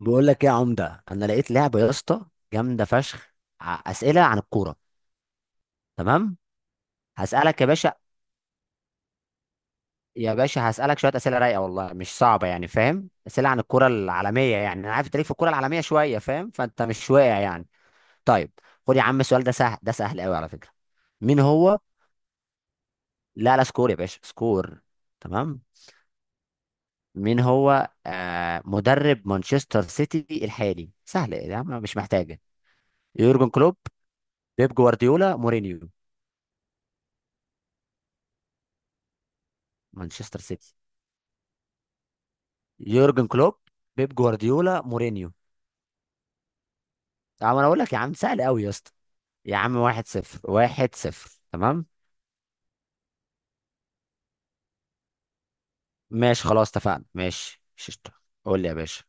بقول لك ايه يا عمده، انا لقيت لعبه يا اسطى. جامده فشخ. اسئله عن الكوره. تمام. هسالك يا باشا. يا باشا، هسالك شويه اسئله رايقه، والله مش صعبه يعني، فاهم؟ اسئله عن الكوره العالميه، يعني انا عارف تاريخ في الكوره العالميه شويه، فاهم؟ فانت مش واقع يعني. طيب، خد يا عم السؤال ده سهل، ده سهل قوي على فكره. مين هو؟ لا لا، سكور يا باشا، سكور. تمام. مين هو مدرب مانشستر سيتي الحالي؟ سهل يا عم، مش محتاجه. يورجن كلوب، بيب جوارديولا، مورينيو. مانشستر سيتي. يورجن كلوب، بيب جوارديولا، مورينيو. طب انا اقول لك يا عم، سهل قوي يا اسطى. يا عم واحد صفر، واحد صفر، تمام. ماشي خلاص، اتفقنا، ماشي ششت. قول لي يا باشا.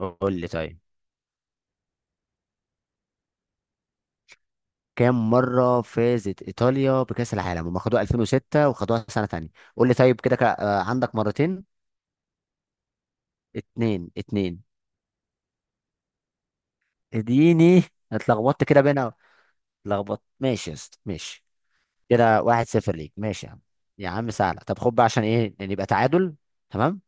قول لي طيب. كام مرة فازت إيطاليا بكأس العالم؟ هم خدوها 2006 وخدوها سنة تانية. قول لي طيب كده عندك مرتين. اتنين اتنين. اديني. اتلخبطت كده بينا. اتلخبطت، ماشي يا اسطى، ماشي. كده واحد صفر ليك، ماشي يا عم. يا عم سهلة، طب خد بقى عشان ايه نبقى تعادل. تمام.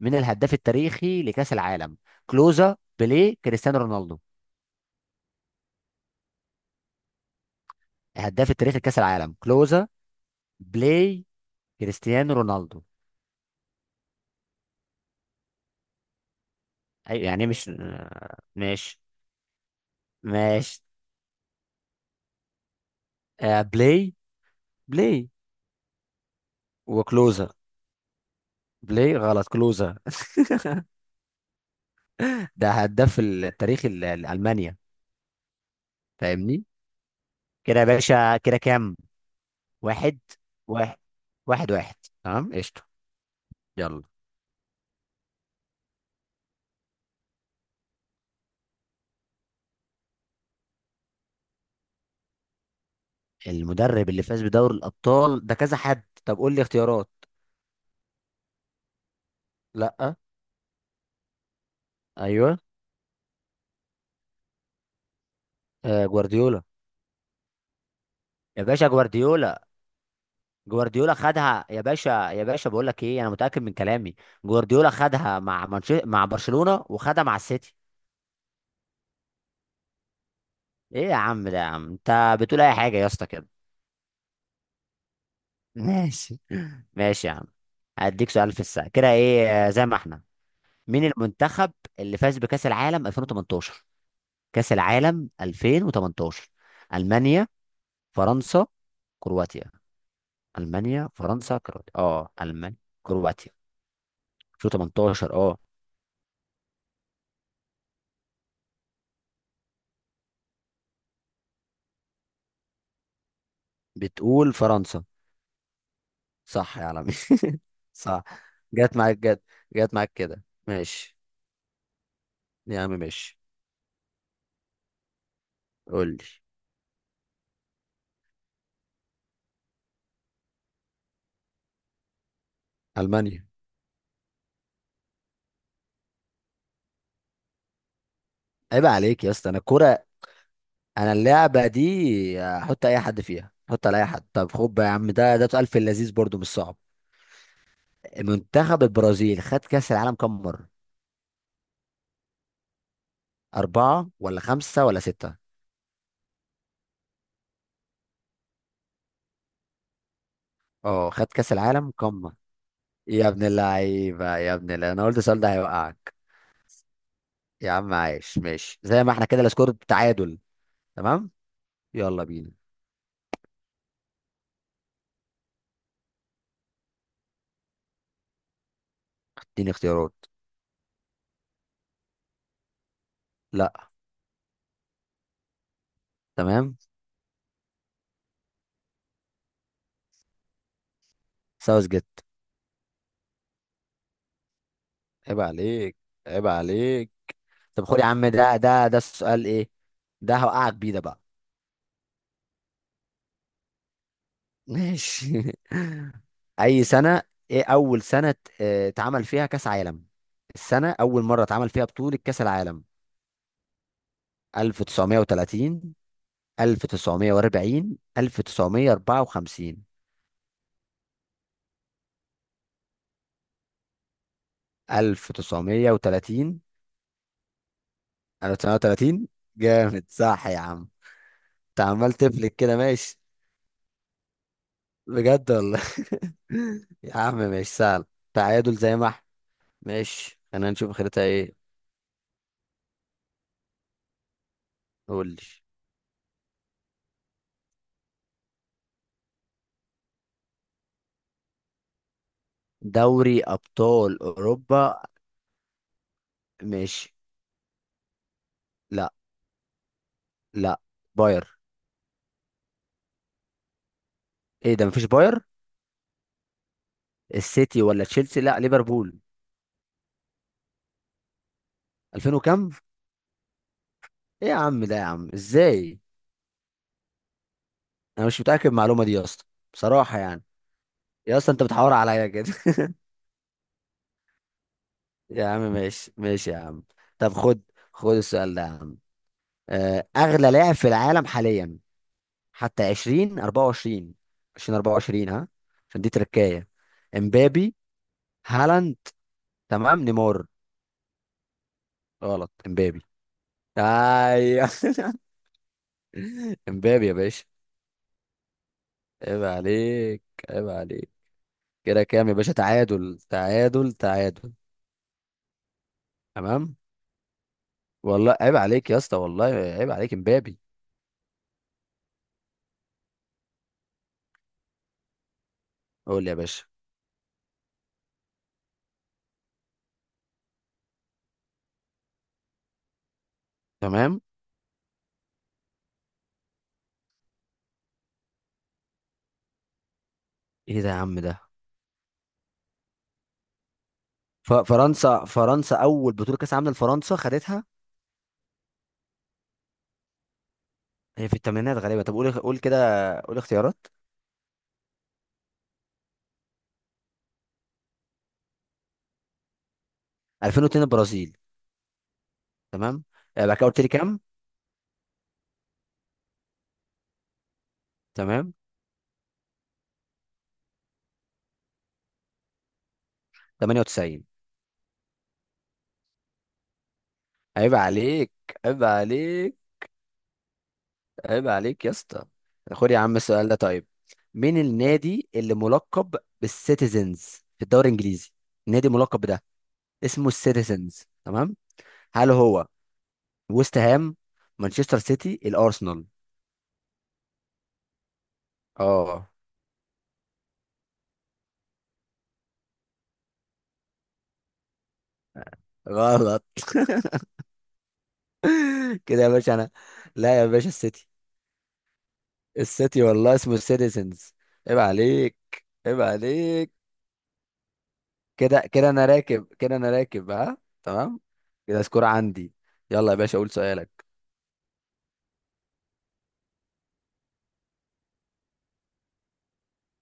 من الهداف التاريخي لكاس العالم؟ كلوزا، بيليه، كريستيانو رونالدو. الهداف التاريخي لكاس العالم كلوزا، بلاي، كريستيانو رونالدو. ايوه يعني مش، ماشي. ماشي. بلاي. بلاي وكلوزا. بلاي غلط، كلوزا. ده هداف التاريخي لألمانيا. فاهمني. كده يا باشا كده كام؟ واحد، واحد واحد، واحد، تمام قشطة. يلا. المدرب اللي فاز بدوري الأبطال ده كذا حد، طب قول لي اختيارات. لا. ايوه. جوارديولا. يا باشا جوارديولا. جوارديولا خدها يا باشا. يا باشا بقول لك ايه، انا متاكد من كلامي. جوارديولا خدها مع مع برشلونه، وخدها مع السيتي. ايه يا عم ده؟ يا عم انت بتقول اي حاجه يا اسطى كده. ماشي. ماشي يا عم. هديك سؤال في الساعه كده، ايه زي ما احنا. مين المنتخب اللي فاز بكاس العالم 2018؟ كاس العالم 2018. المانيا، فرنسا، كرواتيا. المانيا فرنسا كرواتيا، اه المانيا، كرواتيا، 2018، اه. بتقول فرنسا؟ صح يا عالمي، صح. جت معاك، جت. جت معاك كده، ماشي. يا عم ماشي. قول لي. المانيا. عيب عليك يا اسطى، انا الكوره. انا اللعبه دي احط اي حد فيها، احط على اي حد. طب خد بقى يا عم، ده سؤال في اللذيذ برضو مش صعب. منتخب البرازيل خد كاس العالم كم مره؟ اربعه ولا خمسه ولا سته؟ اه، خد كاس العالم كم مره. يا ابن اللعيبه، يا ابن اللعيبه، انا قلت السؤال ده هيوقعك. يا عم عايش. ماشي زي ما احنا، كده السكور تعادل. تمام. يلا بينا. اديني اختيارات. لا. تمام. ساوث جيت. عيب عليك، عيب عليك. طب خد يا عم، ده السؤال ايه. ده هوقعك بيه ده بقى. ماشي. اي سنة؟ ايه اول سنة اه، اتعمل فيها كاس عالم؟ السنة اول مرة اتعمل فيها بطولة كاس العالم. 1930، 1940، 1954. 1930. 1930. جامد، صح يا عم. انت عمال تفلك كده، ماشي. بجد والله. يا عم مش سهل. تعادل زي ما احنا. ماشي، خلينا نشوف اخرتها ايه. قول لي. دوري ابطال اوروبا. ماشي. لا. لا. باير. ايه ده، مفيش باير. السيتي ولا تشيلسي، لا ليفربول. 2000 وكم؟ ايه يا عم ده؟ يا عم ازاي! انا مش متاكد من المعلومه دي يا اسطى. بصراحه يعني. يا اسطى انت بتحاور عليا كده. يا عم ماشي، ماشي يا عم. طب خد. خد السؤال ده يا عم. اغلى لاعب في العالم حاليا، حتى 2024، 2024، ها. عشان دي تركايه. امبابي، هالاند، تمام نيمار. غلط، امبابي. ايوه. امبابي يا باشا. عيب عليك، عيب عليك. كده كام يا باشا، تعادل تعادل تعادل. تمام. والله عيب عليك يا اسطى، والله عيب عليك. امبابي. قول لي يا باشا. تمام. ايه ده يا عم ده. فرنسا اول بطوله كاس عالم لفرنسا خدتها. هي في الثمانينات غالبا، طب قول كده. قول اختيارات. 2002 البرازيل. تمام. بعد كده قلت لي كام. تمام. 98. عيب عليك، عيب عليك. عيب عليك يا اسطى. خد يا عم السؤال ده طيب. مين النادي اللي ملقب بالسيتيزنز في الدوري الانجليزي؟ نادي ملقب بده، اسمه السيتيزنز، تمام. هل هو ويست هام، مانشستر سيتي، الارسنال؟ اه. غلط. كده يا باشا انا. لا يا باشا، السيتي. السيتي والله اسمه السيتيزنز. عيب عليك، عيب عليك. كده انا راكب، كده انا راكب، ها. تمام. كده سكور عندي. يلا يا باشا قول سؤالك.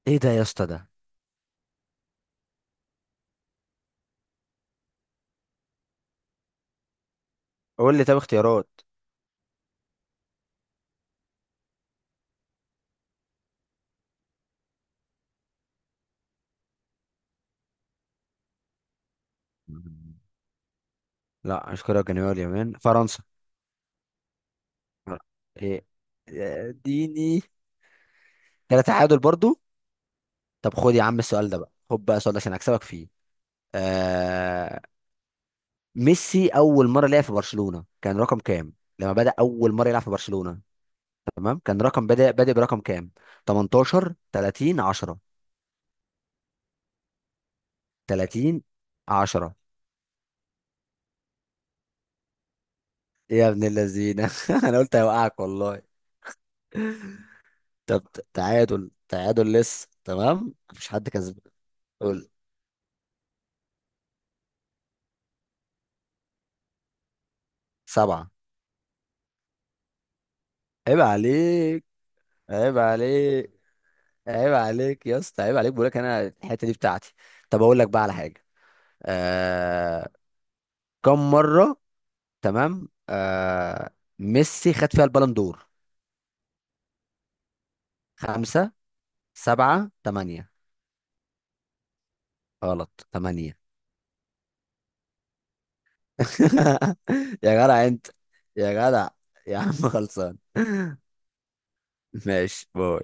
ايه ده يا اسطى ده. قول لي طب اختيارات. مم. لا، مش كوريا الجنوبية واليابان، فرنسا. لا. ايه. اديني. كده تعادل برضو. طب خد يا عم السؤال ده بقى، خد بقى السؤال ده عشان اكسبك فيه. آه... ميسي اول مره لعب في برشلونه كان رقم كام؟ لما بدأ اول مره يلعب في برشلونه. تمام، كان رقم بادئ برقم كام؟ 18، 30، 10. 30. 10. يا ابن اللذينه. انا قلت هيوقعك والله. طب. تعادل، تعادل لسه، تمام مفيش حد كسبان. قول. سبعة. عيب عليك، عيب عليك. عيب عليك يا اسطى، عيب عليك. بقولك انا الحتة دي بتاعتي. طب اقول لك بقى على حاجة. آه... كم مرة، تمام، ميسي خد فيها البالون دور. خمسة، سبعة، تمانية. غلط، تمانية. يا جدع انت. يا جدع. يا عم خلصان. ماشي باي.